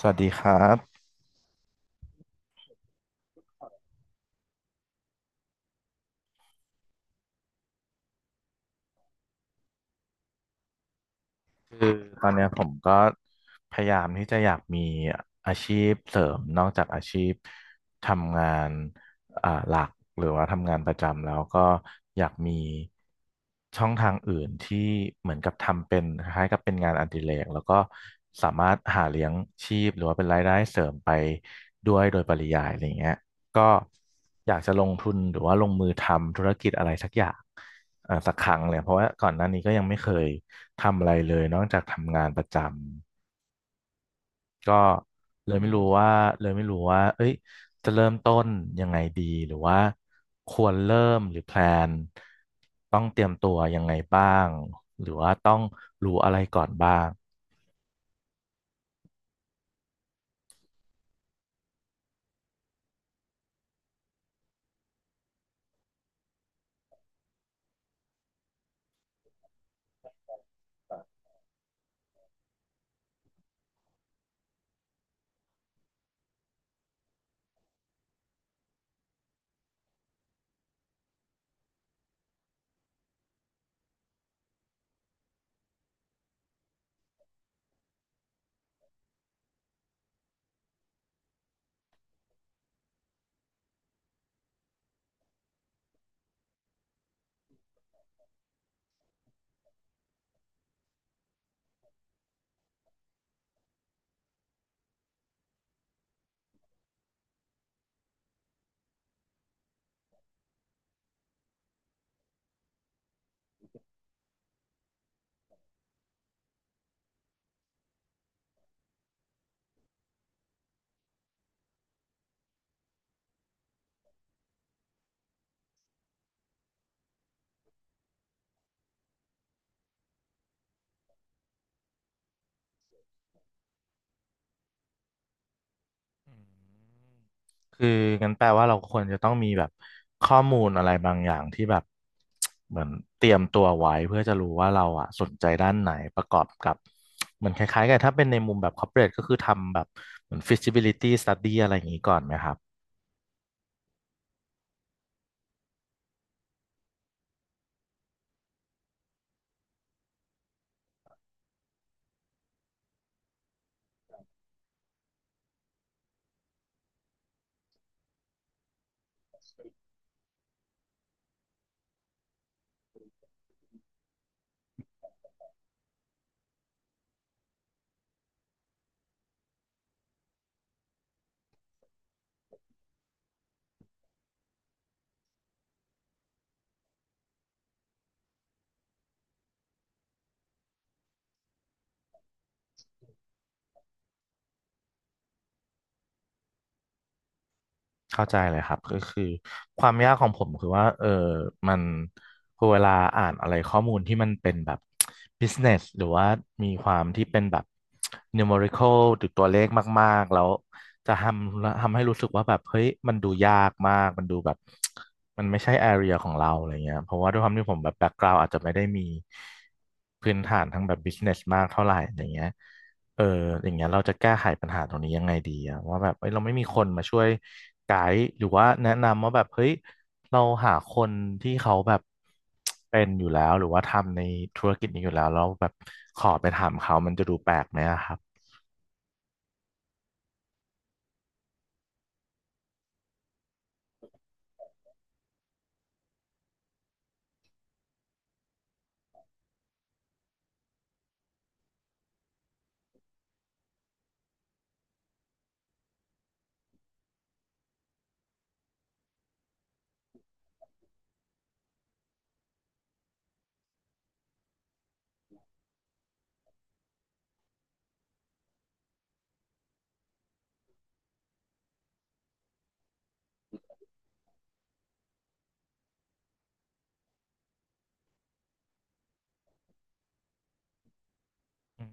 สวัสดีครับตอนเนี้ยผมก็พยายามที่จะอยากมีอาชีพเสริมนอกจากอาชีพทำงานหลักหรือว่าทำงานประจำแล้วก็อยากมีช่องทางอื่นที่เหมือนกับทำเป็นคล้ายๆกับเป็นงานอดิเรกแล้วก็สามารถหาเลี้ยงชีพหรือว่าเป็นรายได้เสริมไปด้วยโดยปริยายอะไรอย่างเงี้ยก็อยากจะลงทุนหรือว่าลงมือทำธุรกิจอะไรสักอย่าง สักครั้งเลยเพราะว่าก่อนหน้านี้ก็ยังไม่เคยทำอะไรเลยนอกจากทำงานประจำก็เลยไม่รู้ว่าเลยไม่รู้ว่าเอ้ยจะเริ่มต้นยังไงดีหรือว่าควรเริ่มหรือแพลนต้องเตรียมตัวยังไงบ้างหรือว่าต้องรู้อะไรก่อนบ้าง อืมคืองั้นแปลว่าเราควรจะต้องมีแบบข้อมูลอะไรบางอย่างที่แบบ เหมือนเตรียมตัวไว้เพื่อจะรู้ว่าเราอ่ะสนใจด้านไหนประกอบกับเหมือนคล้ายๆกันถ้าเป็นในมุมแบบ corporate ก็คือทำแบบเหมือน feasibility study อะไรอย่างนี้ก่อนไหมครับ เข้าใจเลยครับก็คือความยากของผมคือว่าเออมันพอเวลาอ่านอะไรข้อมูลที่มันเป็นแบบ business หรือว่ามีความที่เป็นแบบ numerical หรือตัวเลขมากๆแล้วจะทำให้รู้สึกว่าแบบเฮ้ยมันดูยากมากมันดูแบบมันไม่ใช่ area ของเราอะไรเงี้ยเพราะว่าด้วยความที่ผมแบบ background อาจจะไม่ได้มีพื้นฐานทั้งแบบ business มากเท่าไหร่อะไรเงี้ย เอออย่างเงี้ยเราจะแก้ไขปัญหาตรงนี้ยังไงดีอะว่าแบบเอ้ยเราไม่มีคนมาช่วยไกด์หรือว่าแนะนำว่าแบบเฮ้ยเราหาคนที่เขาแบบเป็นอยู่แล้วหรือว่าทำในธุรกิจนี้อยู่แล้วเราแล้วแบบขอไปถามเขามันจะดูแปลกไหมอะครับอืม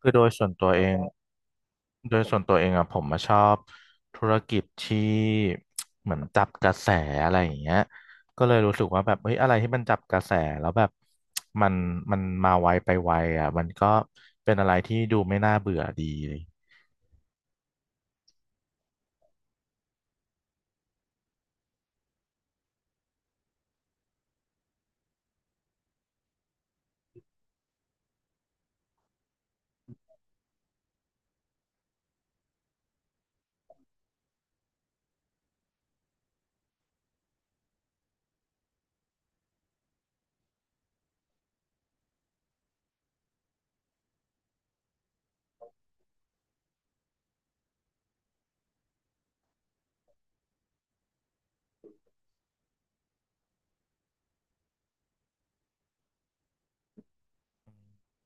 คือโดยส่วนตัวเอง โดยส่วนตัวเองอะผมมาชอบธุรกิจที่เหมือนจับกระแสอะไรอย่างเงี้ยก็เลยรู้สึกว่าแบบเฮ้ยอะไรที่มันจับกระแสแล้วแบบ มันมันมาไวไปไวอะมันก็เป็นอะไรที่ดูไม่น่าเบื่อดี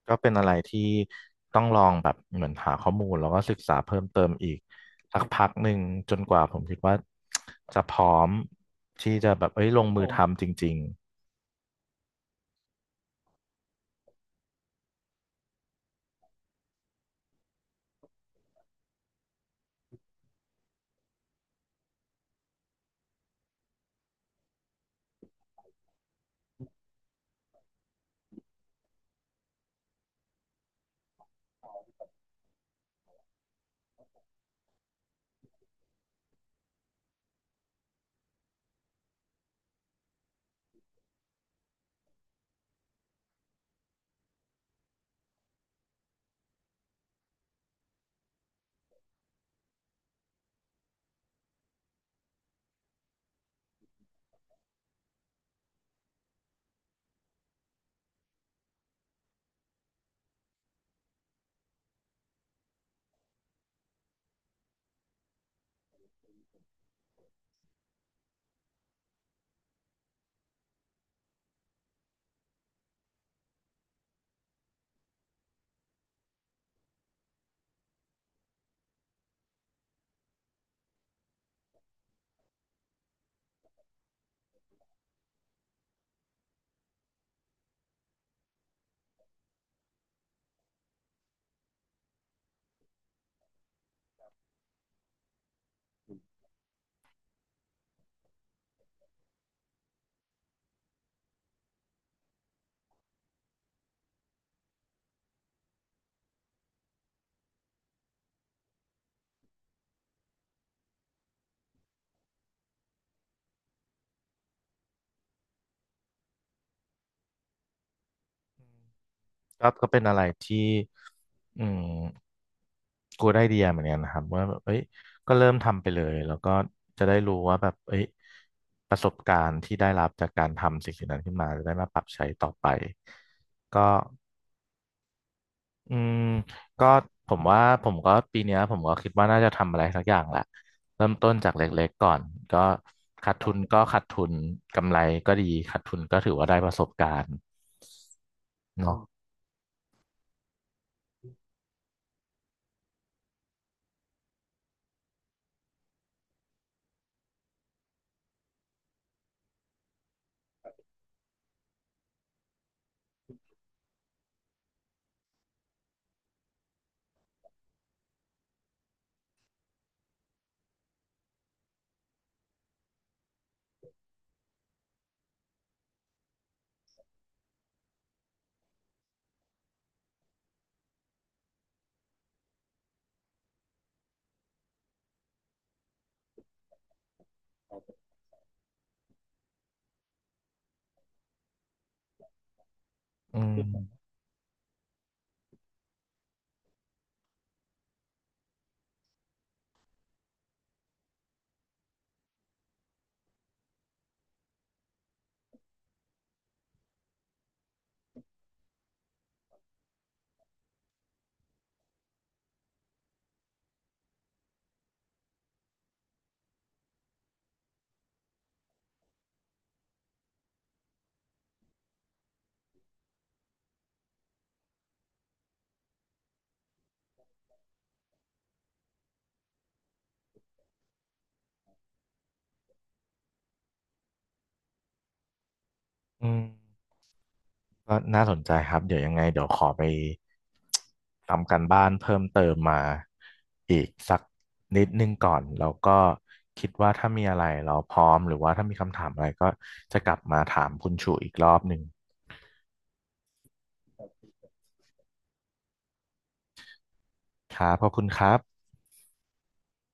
ก็เป็นอะไรที่ต้องลองแบบเหมือนหาข้อมูลแล้วก็ศึกษาเพิ่มเติมอีกสักพักหนึ่งจนกว่าผมคิดว่าจะพร้อมที่จะแบบเอ้ยลงมือทำจริงๆ ก็เป็นอะไรที่อืมกูได้ไอเดียเหมือนกันนะครับว่าแบบเอ้ยก็เริ่มทำไปเลยแล้วก็จะได้รู้ว่าแบบเอ้ยประสบการณ์ที่ได้รับจากการทำสิ่งนั้นขึ้นมาจะได้มาปรับใช้ต่อไปก็อืมก็ผมว่าผมก็ปีเนี้ยผมก็คิดว่าน่าจะทำอะไรสักอย่างแหละเริ่มต้นจากเล็กๆก่อนก็ขาดทุนก็ขาดทุนกำไรก็ดีขาดทุนก็ถือว่าได้ประสบการณ์เนาะอืมอืม ก็น่าสนใจครับเดี๋ยวยังไงเดี๋ยวขอไปทำการบ้านเพิ่มเติมมาอีกสักนิดนึงก่อนแล้วก็คิดว่าถ้ามีอะไรเราพร้อมหรือว่าถ้ามีคำถามอะไรก็จะกลับมาถามคุณชูอีกรอบหนึ่งครับขอบคุณครับ